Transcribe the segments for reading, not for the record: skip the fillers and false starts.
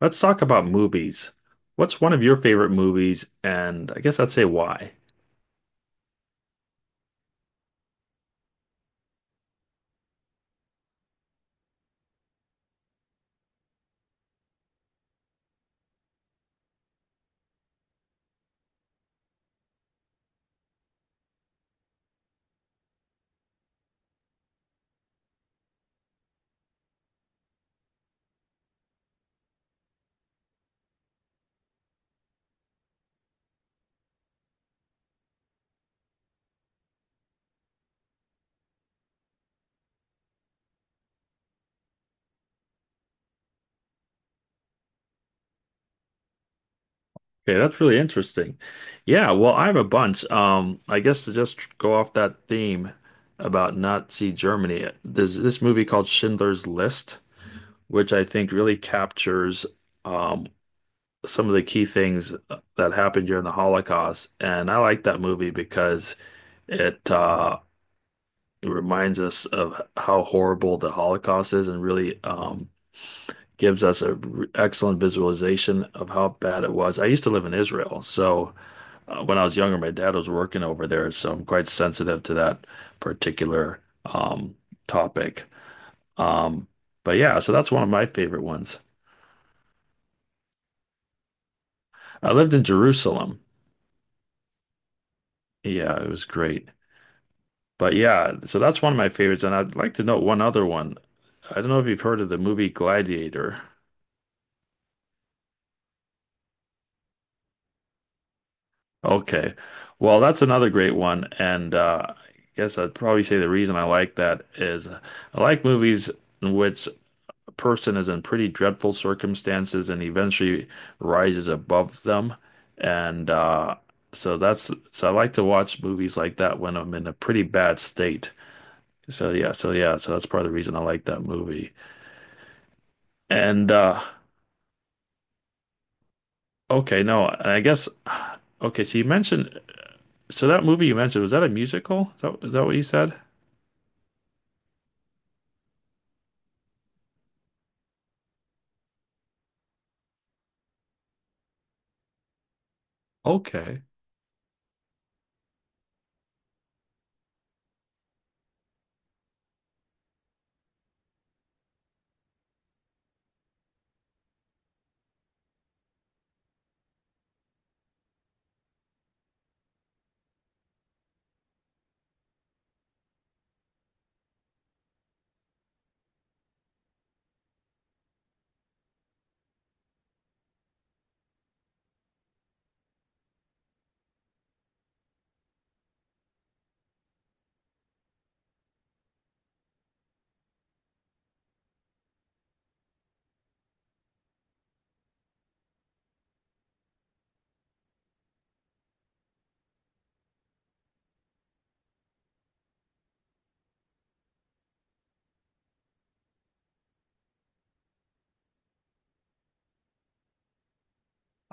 Let's talk about movies. What's one of your favorite movies? And I guess I'd say why. Okay, that's really interesting. Yeah, well, I have a bunch. I guess to just go off that theme about Nazi Germany, there's this movie called Schindler's List, which I think really captures um, some of the key things that happened during the Holocaust. And I like that movie because it uh, it reminds us of how horrible the Holocaust is and really gives us excellent visualization of how bad it was. I used to live in Israel, so when I was younger, my dad was working over there, so I'm quite sensitive to that particular um, topic. Um, but yeah, so that's one of my favorite ones. I lived in Jerusalem. Yeah, it was great. But yeah, so that's one of my favorites, and I'd like to know one other one. I don't know if you've heard of the movie Gladiator. Okay. Well, that's another great one. And I guess I'd probably say the reason I like that is I like movies in which a person is in pretty dreadful circumstances and eventually rises above them. And so that's so I like to watch movies like that when I'm in a pretty bad state. So yeah, so yeah, so that's part of the reason I like that movie. And okay, no, and I guess okay, so you mentioned so that movie you mentioned, was that a musical? Is that what you said? Okay.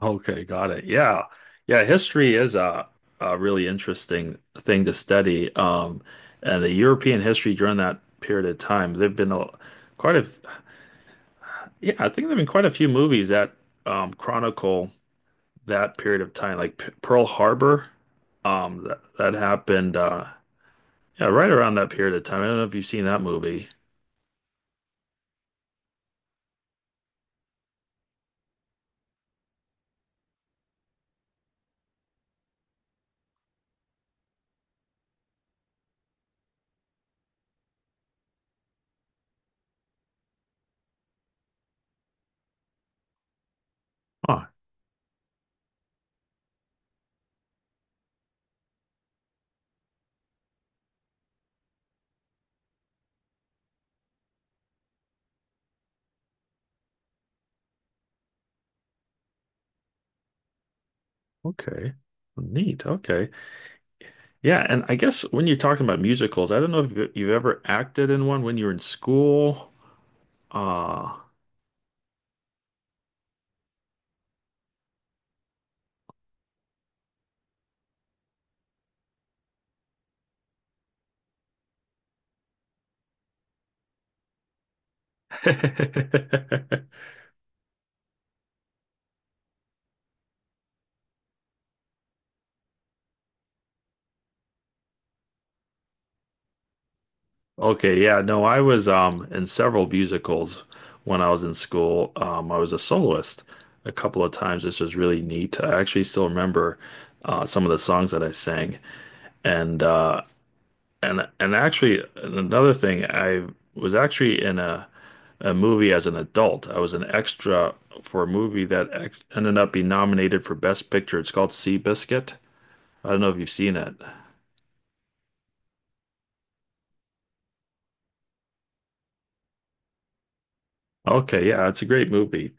Okay, got it. Yeah. Yeah, history is a really interesting thing to study. And the European history during that period of time, there've been a quite a yeah, I think there've been quite a few movies that chronicle that period of time, like P Pearl Harbor. That that happened yeah, right around that period of time. I don't know if you've seen that movie. Oh, okay. Neat. Okay. Yeah, and I guess when you're talking about musicals, I don't know if you've ever acted in one when you were in school. Uh Okay, yeah, no, I was in several musicals when I was in school. I was a soloist a couple of times, which was really neat. I actually still remember some of the songs that I sang, and uh, and actually another thing, I was actually in a movie as an adult. I was an extra for a movie that ex ended up being nominated for Best Picture. It's called Seabiscuit. I don't know if you've seen it. Okay, yeah, it's a great movie.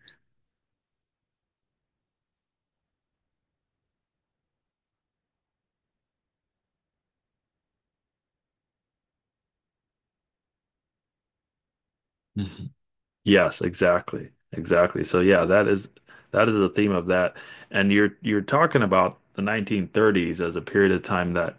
Yes, exactly. Exactly. So yeah, that is the theme of that. And you're talking about the 1930s as a period of time that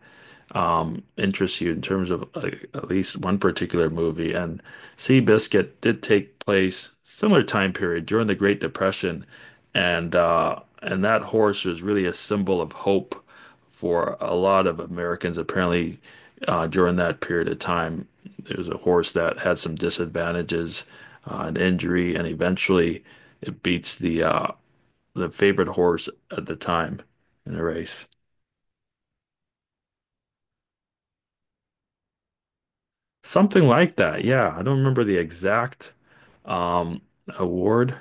interests you in terms of like, at least one particular movie. And Seabiscuit did take place similar time period during the Great Depression. And and that horse was really a symbol of hope for a lot of Americans apparently during that period of time. It was a horse that had some disadvantages, an injury, and eventually it beats the favorite horse at the time in a race. Something like that. Yeah, I don't remember the exact um, award.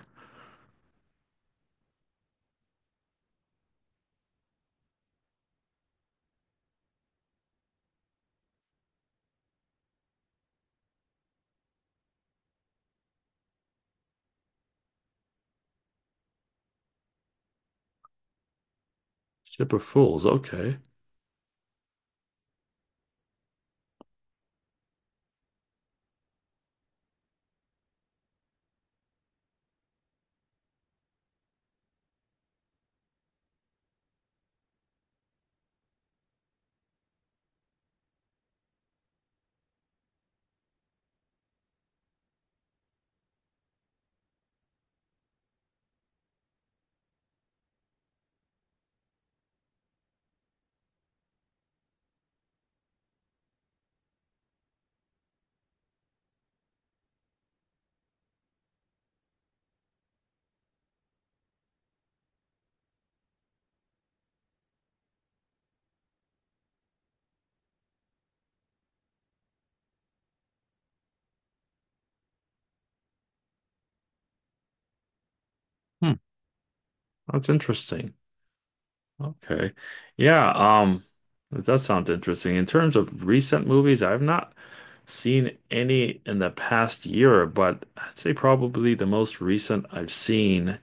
Ship of Fools. Okay. Hmm, that's interesting. Okay. Yeah. That does sound interesting. In terms of recent movies, I've not seen any in the past year, but I'd say probably the most recent I've seen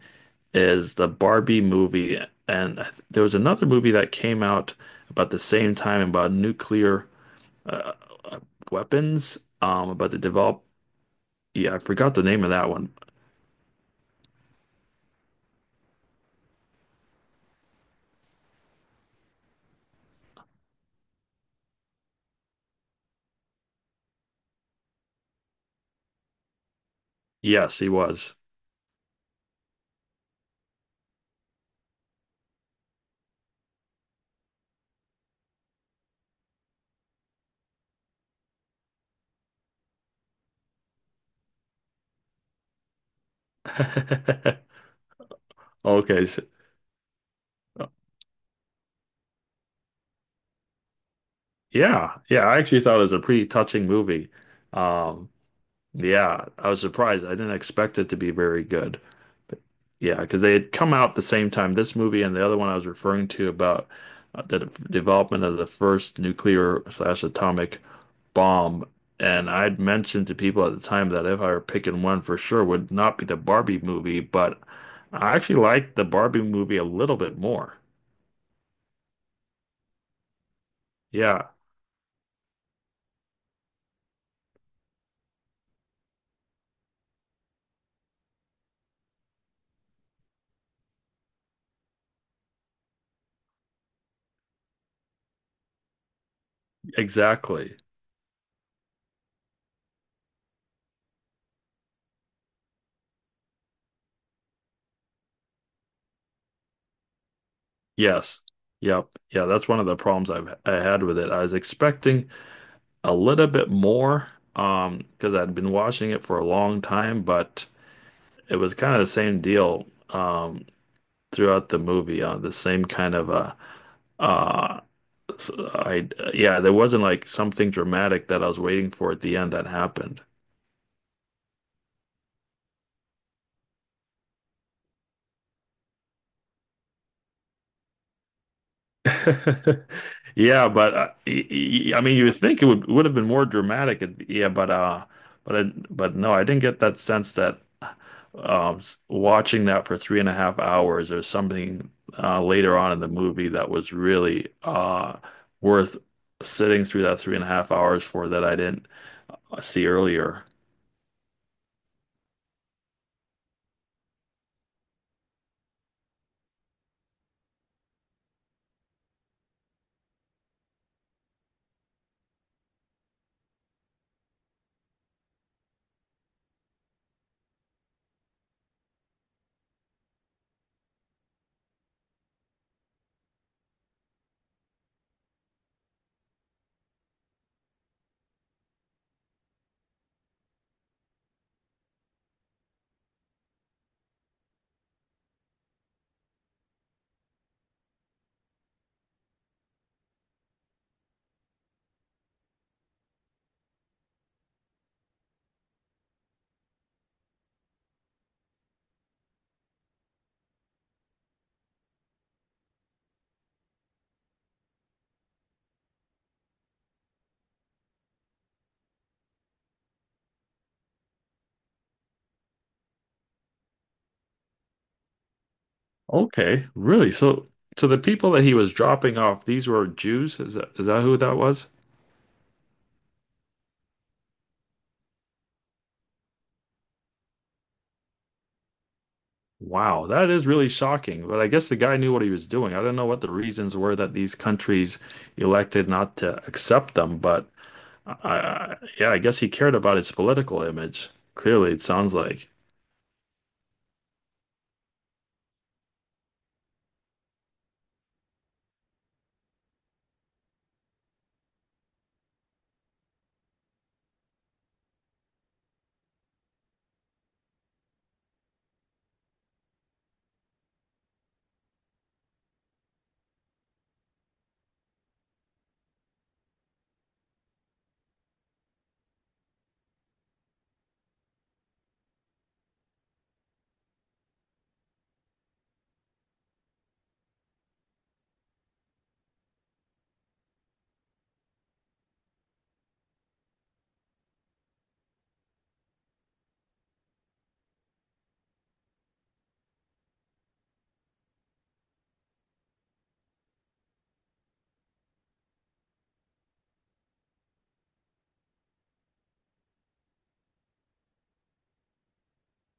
is the Barbie movie, and there was another movie that came out about the same time about nuclear uh, uh, weapons, about the develop. Yeah, I forgot the name of that one. Yes, he was. Okay, so, yeah, yeah. I actually thought it was a pretty touching movie. Um, Yeah, I was surprised. I didn't expect it to be very good. But yeah, because they had come out the same time, this movie and the other one I was referring to about development of the first nuclear slash atomic bomb. And I'd mentioned to people at the time that if I were picking one for sure would not be the Barbie movie, but I actually liked the Barbie movie a little bit more. Yeah, exactly. Yes. Yep. Yeah, that's one of the problems I had with it. I was expecting a little bit more because I'd been watching it for a long time, but it was kind of the same deal throughout the movie, the same kind of uh s- I yeah, there wasn't like something dramatic that I was waiting for at the end that happened. Yeah, but I mean, you would think it would have been more dramatic. Yeah, but I, but no, I didn't get that sense that watching that for 3.5 hours or something later on in the movie that was really worth sitting through that 3.5 hours for that I didn't see earlier. Okay, really? So, so the people that he was dropping off, these were Jews? Is that who that was? Wow, that is really shocking. But I guess the guy knew what he was doing. I don't know what the reasons were that these countries elected not to accept them, but yeah, I guess he cared about his political image. Clearly, it sounds like.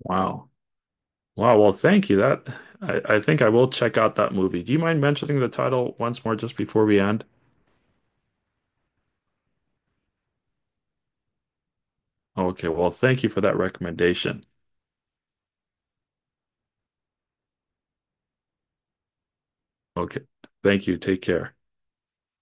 Wow. Wow, well, thank you. That I think I will check out that movie. Do you mind mentioning the title once more just before we end? Okay, well, thank you for that recommendation. Okay. Thank you. Take care.